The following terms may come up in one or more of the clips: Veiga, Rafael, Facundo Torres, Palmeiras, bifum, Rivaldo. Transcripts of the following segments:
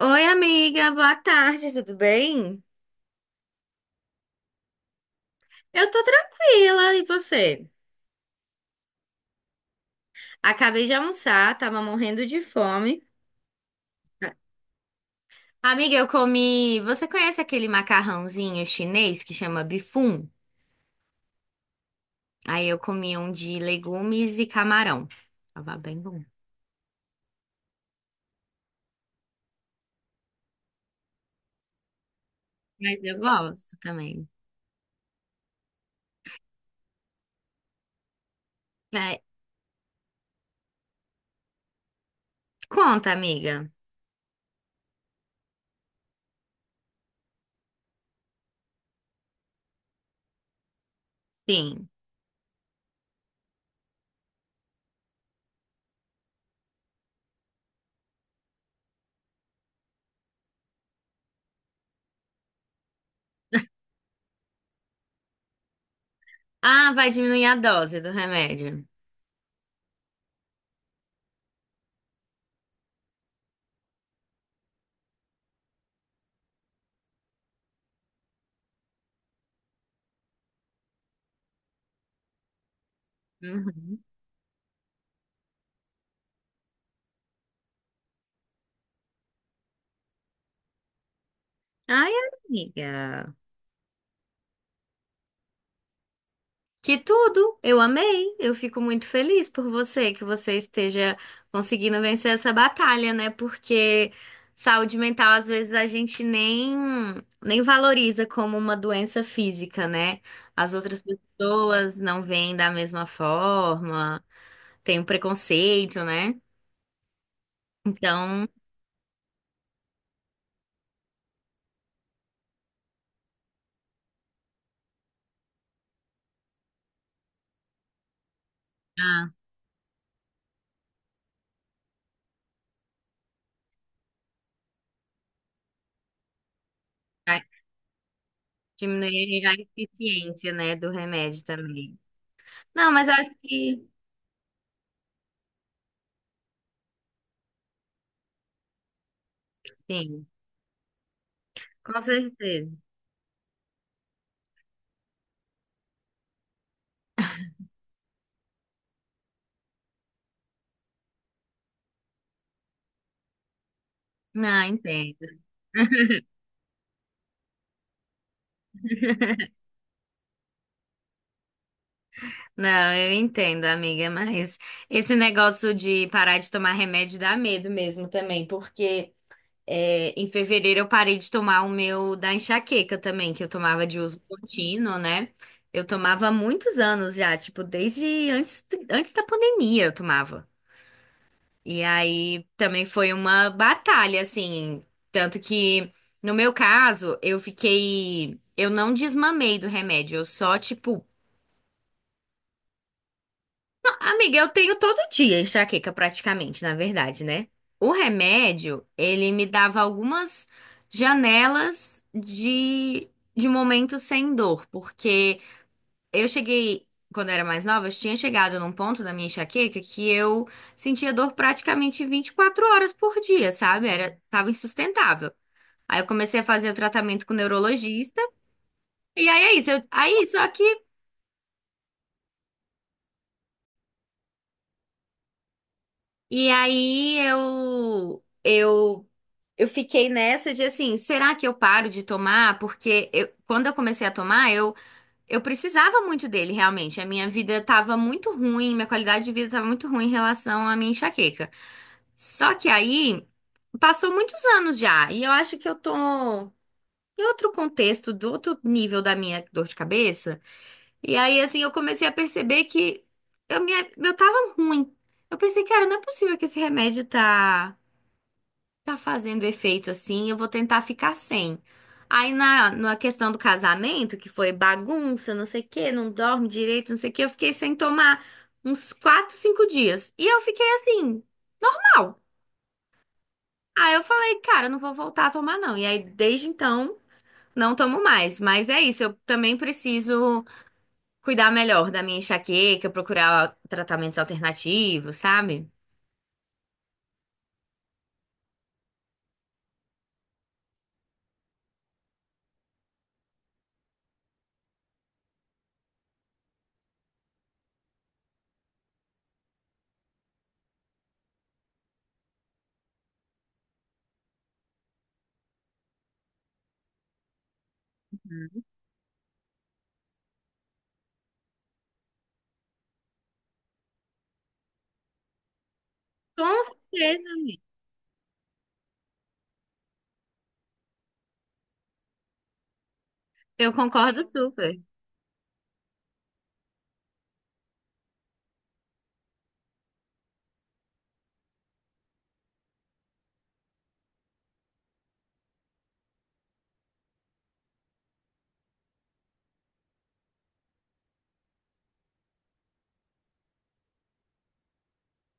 Oi, amiga, boa tarde, tudo bem? Eu tô tranquila, e você? Acabei de almoçar, tava morrendo de fome. Amiga, eu comi. Você conhece aquele macarrãozinho chinês que chama bifum? Aí eu comi um de legumes e camarão. Tava bem bom. Mas eu gosto também. É, conta, amiga. Sim. Ah, vai diminuir a dose do remédio. Uhum. Ai, amiga. Que tudo! Eu amei! Eu fico muito feliz por você, que você esteja conseguindo vencer essa batalha, né? Porque saúde mental, às vezes, a gente nem valoriza como uma doença física, né? As outras pessoas não veem da mesma forma, tem um preconceito, né? Então, ah, vai diminuir a eficiência, né, do remédio também. Não, mas acho que sim, com certeza. Ah, entendo. Não, eu entendo, amiga, mas esse negócio de parar de tomar remédio dá medo mesmo também, porque é, em fevereiro eu parei de tomar o meu da enxaqueca também, que eu tomava de uso contínuo, né? Eu tomava há muitos anos já, tipo, desde antes da pandemia eu tomava. E aí também foi uma batalha, assim, tanto que no meu caso eu fiquei, eu não desmamei do remédio, eu só, tipo. Amiga, eu tenho todo dia enxaqueca praticamente, na verdade, né? O remédio, ele me dava algumas janelas de momentos sem dor, porque eu cheguei, quando eu era mais nova, eu tinha chegado num ponto da minha enxaqueca que eu sentia dor praticamente 24 horas por dia, sabe? Era, tava insustentável. Aí eu comecei a fazer o tratamento com o neurologista, e aí é isso. Eu, aí, só que E aí eu fiquei nessa de assim, será que eu paro de tomar? Porque eu- quando eu comecei a tomar, eu precisava muito dele realmente. A minha vida estava muito ruim, minha qualidade de vida estava muito ruim em relação à minha enxaqueca. Só que aí passou muitos anos já, e eu acho que eu tô em outro contexto, do outro nível da minha dor de cabeça. E aí, assim, eu comecei a perceber que eu, me, eu tava ruim. Eu pensei, cara, não é possível que esse remédio tá fazendo efeito assim, eu vou tentar ficar sem. Aí, na questão do casamento, que foi bagunça, não sei o quê, não dorme direito, não sei o quê, eu fiquei sem tomar uns quatro, cinco dias. E eu fiquei assim, mal. Aí eu falei, cara, eu não vou voltar a tomar, não. E aí, desde então, não tomo mais. Mas é isso, eu também preciso cuidar melhor da minha enxaqueca, procurar tratamentos alternativos, sabe? Com certeza, amiga. Eu concordo super.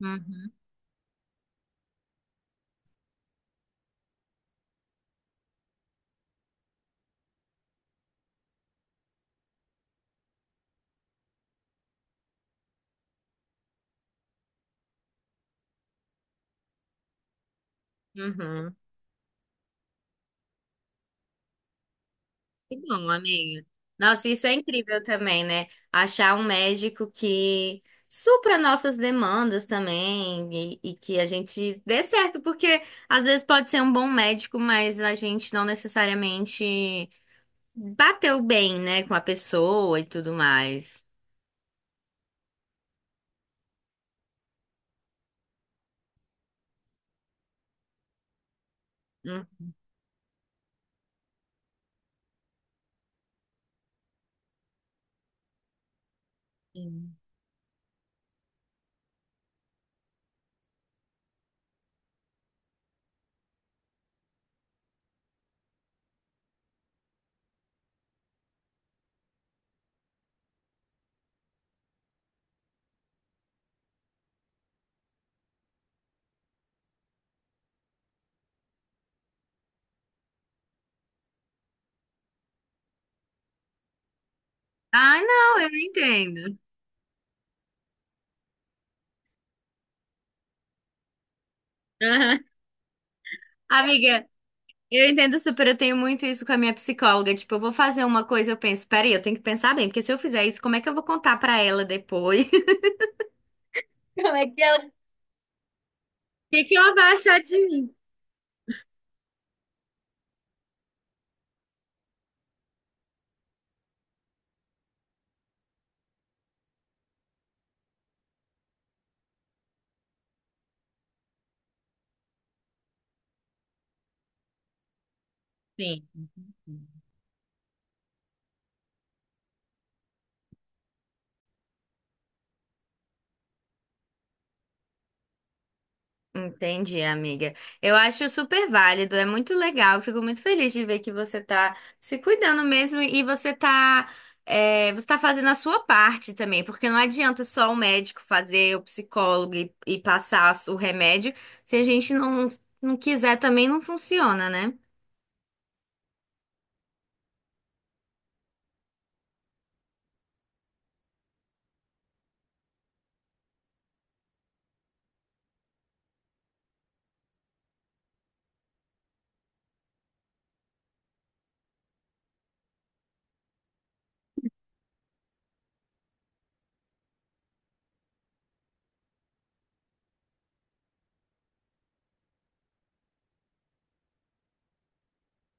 Uhum, uhum. Que bom, amiga. Nossa, isso é incrível também, né? Achar um médico que supra nossas demandas também e que a gente dê certo, porque às vezes pode ser um bom médico, mas a gente não necessariamente bateu bem, né, com a pessoa e tudo mais. Uhum. Ai, não, eu entendo. Aham. Amiga, eu entendo super, eu tenho muito isso com a minha psicóloga. Tipo, eu vou fazer uma coisa, eu penso, peraí, eu tenho que pensar bem, porque se eu fizer isso, como é que eu vou contar pra ela depois? Como é que ela... o que que ela vai achar de mim? Sim. Entendi, amiga. Eu acho super válido, é muito legal. Eu fico muito feliz de ver que você tá se cuidando mesmo e você tá, é, você tá fazendo a sua parte também, porque não adianta só o médico fazer, o psicólogo e passar o remédio. Se a gente não, não quiser também não funciona, né?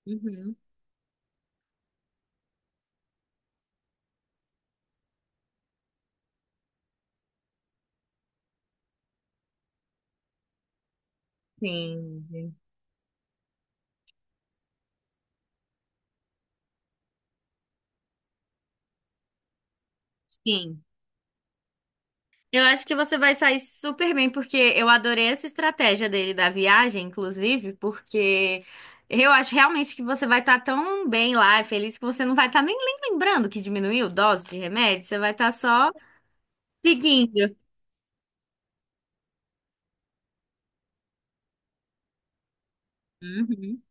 Uhum. Sim, sim. Eu acho que você vai sair super bem, porque eu adorei essa estratégia dele da viagem, inclusive, porque eu acho realmente que você vai estar tão bem lá, feliz, que você não vai estar nem lembrando que diminuiu dose de remédio, você vai estar só seguindo. Uhum,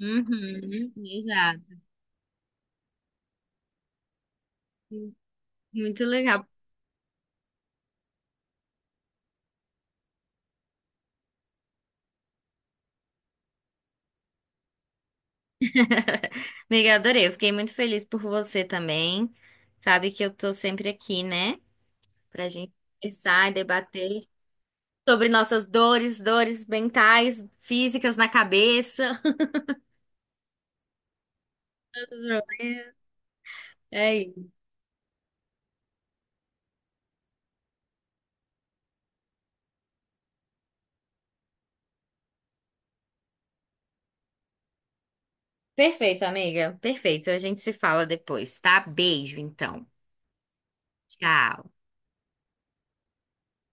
uhum, exato. Muito legal. Amiga, adorei. Eu fiquei muito feliz por você também. Sabe que eu tô sempre aqui, né? Pra gente conversar e debater sobre nossas dores, dores mentais, físicas na cabeça. É isso. Perfeito, amiga. Perfeito. A gente se fala depois, tá? Beijo, então. Tchau.